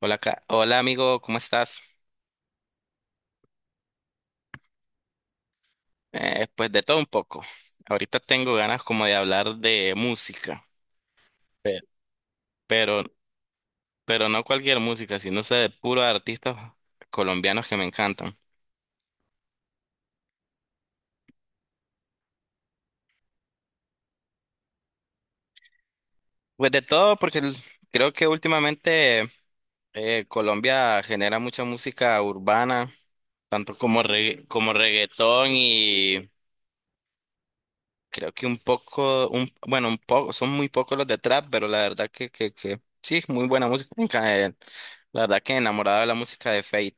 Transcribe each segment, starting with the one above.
Hola, hola amigo, ¿cómo estás? Pues de todo un poco. Ahorita tengo ganas como de hablar de música, pe- pero, pero no cualquier música, sino sé de puros artistas colombianos que me encantan. Pues de todo, porque creo que últimamente Colombia genera mucha música urbana, tanto como, como reggaetón. Creo que un poco, un poco, son muy pocos los de trap, pero la verdad que sí, es muy buena música. En eh, La verdad que enamorado de la música de Fate.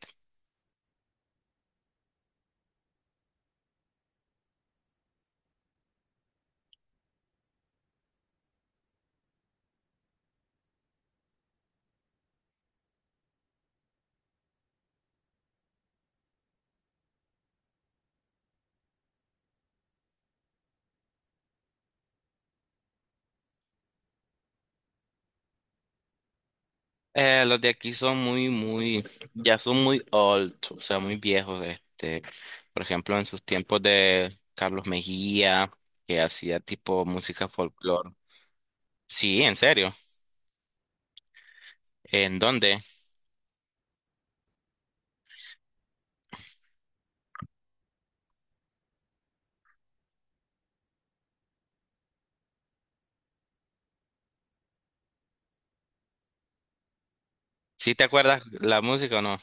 Los de aquí son muy, ya son muy old, o sea, muy viejos. Este, por ejemplo, en sus tiempos de Carlos Mejía, que hacía tipo música folclore. Sí, en serio. ¿En dónde? ¿Sí te acuerdas la música o no?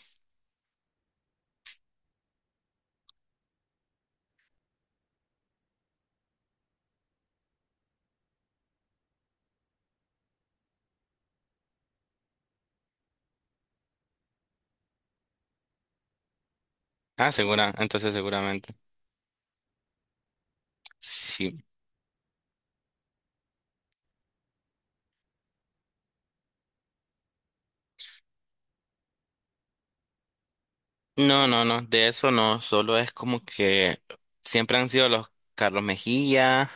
Ah, segura, entonces seguramente. Sí. No, no, no, de eso no, solo es como que siempre han sido los Carlos Mejía,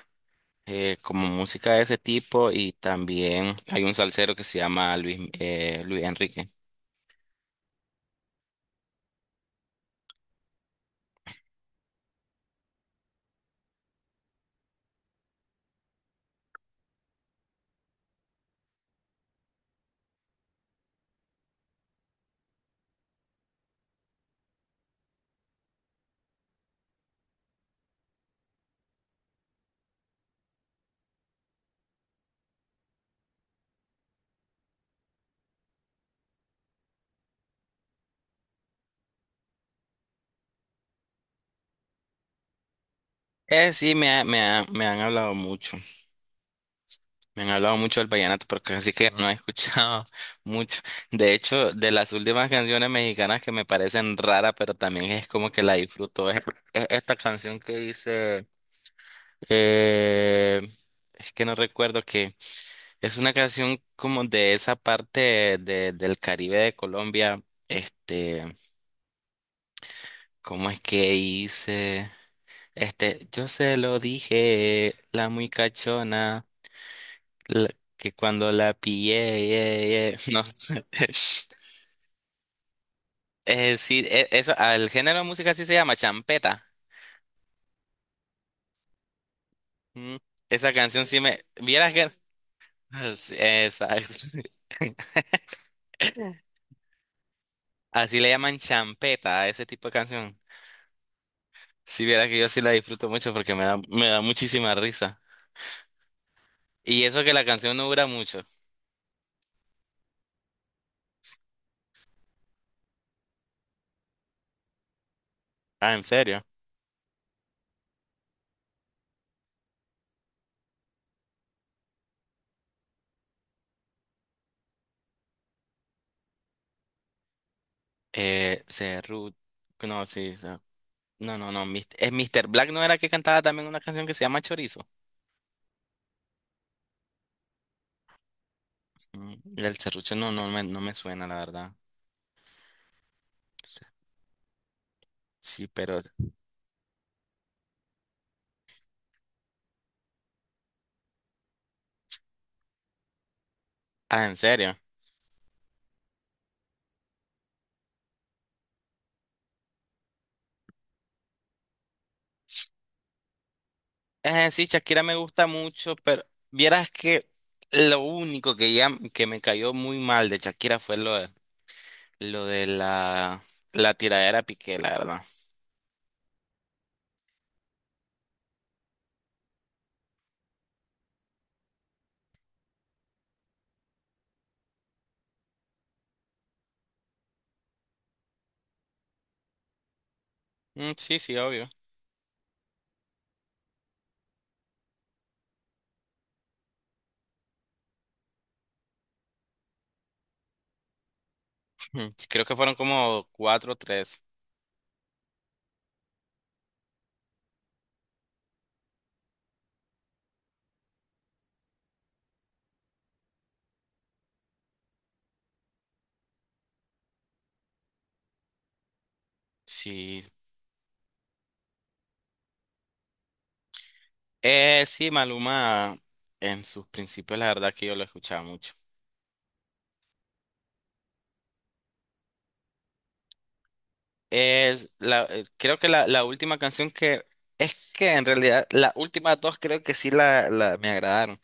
como música de ese tipo, y también hay un salsero que se llama Luis, Luis Enrique. Sí, me han hablado mucho, me han hablado mucho del vallenato, pero casi que no he escuchado mucho. De hecho, de las últimas canciones mexicanas que me parecen raras, pero también es como que la disfruto, es esta canción que dice... Eh, es que no recuerdo que es una canción como de esa parte del Caribe de Colombia. Este, ¿cómo es que hice? Este, yo se lo dije, la muy cachona, la- que cuando la pillé, ye, ye. No sé. Sí, eso, al género de música sí se llama champeta. Mm, esa canción sí me. Vieras que. Sí, exacto. Así le llaman champeta a ese tipo de canción. Si viera que yo sí la disfruto mucho porque me da muchísima risa. Y eso que la canción no dura mucho. Ah, ¿en serio? Cerru... No, sí, o sea, no, no, no. Mr. Black no era que cantaba también una canción que se llama Chorizo. Mm, el serrucho no, no me suena, la verdad. Sí, pero... Ah, ¿en serio? Sí, Shakira me gusta mucho, pero vieras que lo único que ya que me cayó muy mal de Shakira fue lo de la, la tiradera Piqué, la verdad. Mm, sí, sí, obvio. Mm, creo que fueron como cuatro o tres. Sí. Sí, Maluma, en sus principios, la verdad que yo lo escuchaba mucho. Creo que la última canción que. Es que en realidad las últimas dos creo que sí me agradaron.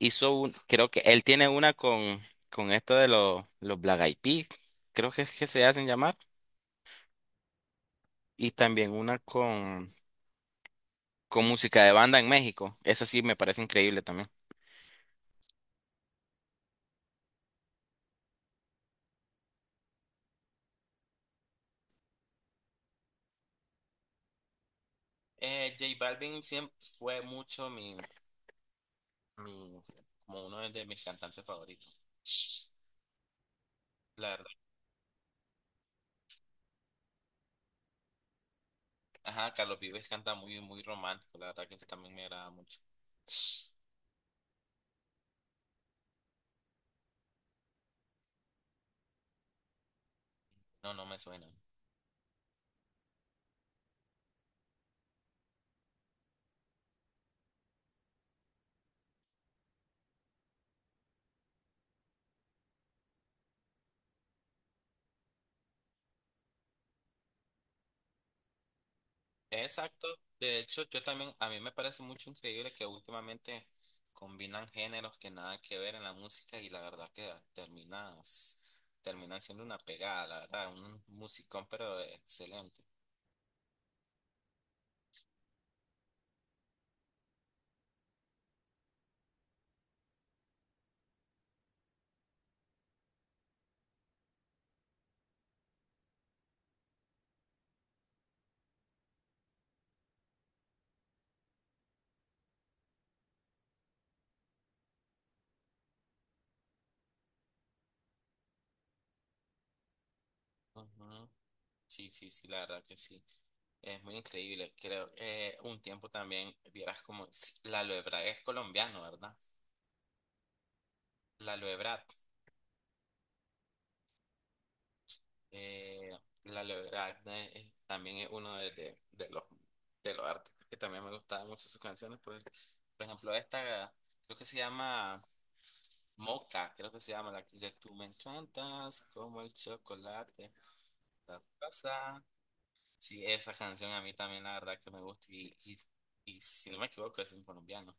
Creo que él tiene una con esto de los Black Eyed Peas, creo que es que se hacen llamar. Y también una con música de banda en México. Eso sí me parece increíble también. J Balvin siempre fue mucho mi, como uno de mis cantantes favoritos. La verdad, ajá, Carlos Vives canta muy romántico, la verdad que eso también me agrada mucho. No, no me suena. Exacto. De hecho, yo también, a mí me parece mucho increíble que últimamente combinan géneros que nada que ver en la música y la verdad que terminas, terminan siendo una pegada, la verdad, un musicón pero excelente. Ujú. Sí, sí, sí, la verdad que sí. Es muy increíble. Creo que un tiempo también vieras como sí, la aloe vera es colombiano, ¿verdad? La aloe vera, eh, la aloe vera, también es uno de los artistas que también me gustaban mucho sus canciones. Por ejemplo, esta creo que se llama Moca, creo que se llama la que dice, tú me encantas como el chocolate, la taza". Sí, esa canción a mí también la verdad que me gusta y, y si no me equivoco es un colombiano.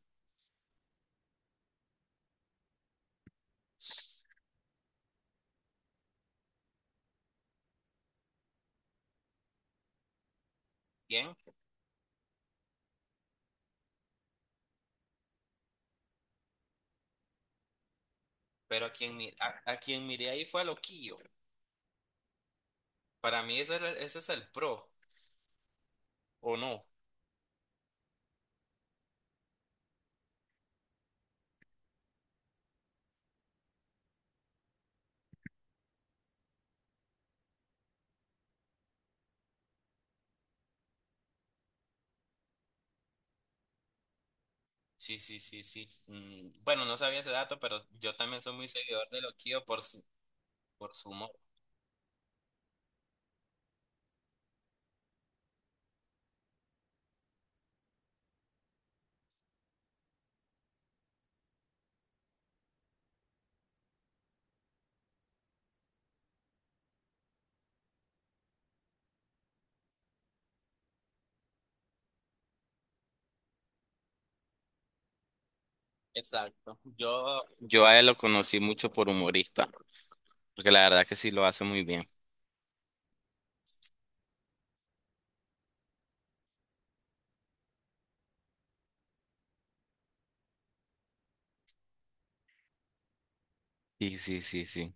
Bien, pero a quien miré ahí fue a Loquillo. Para mí ese ese es el pro, ¿o no? Sí, sí, sí, sí. Mm, bueno, no sabía ese dato, pero yo también soy muy seguidor de Loquillo por por su humor. Exacto. Yo a él lo conocí mucho por humorista, porque la verdad que sí lo hace muy bien. Sí, sí, sí, sí.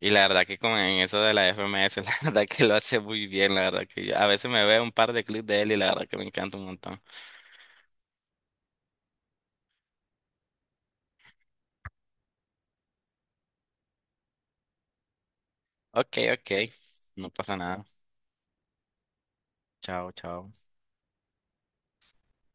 Y la verdad que con en eso de la FMS, la verdad que lo hace muy bien, la verdad que a veces me veo un par de clips de él y la verdad que me encanta un montón. Ok, ok, no pasa nada. Chao, chao.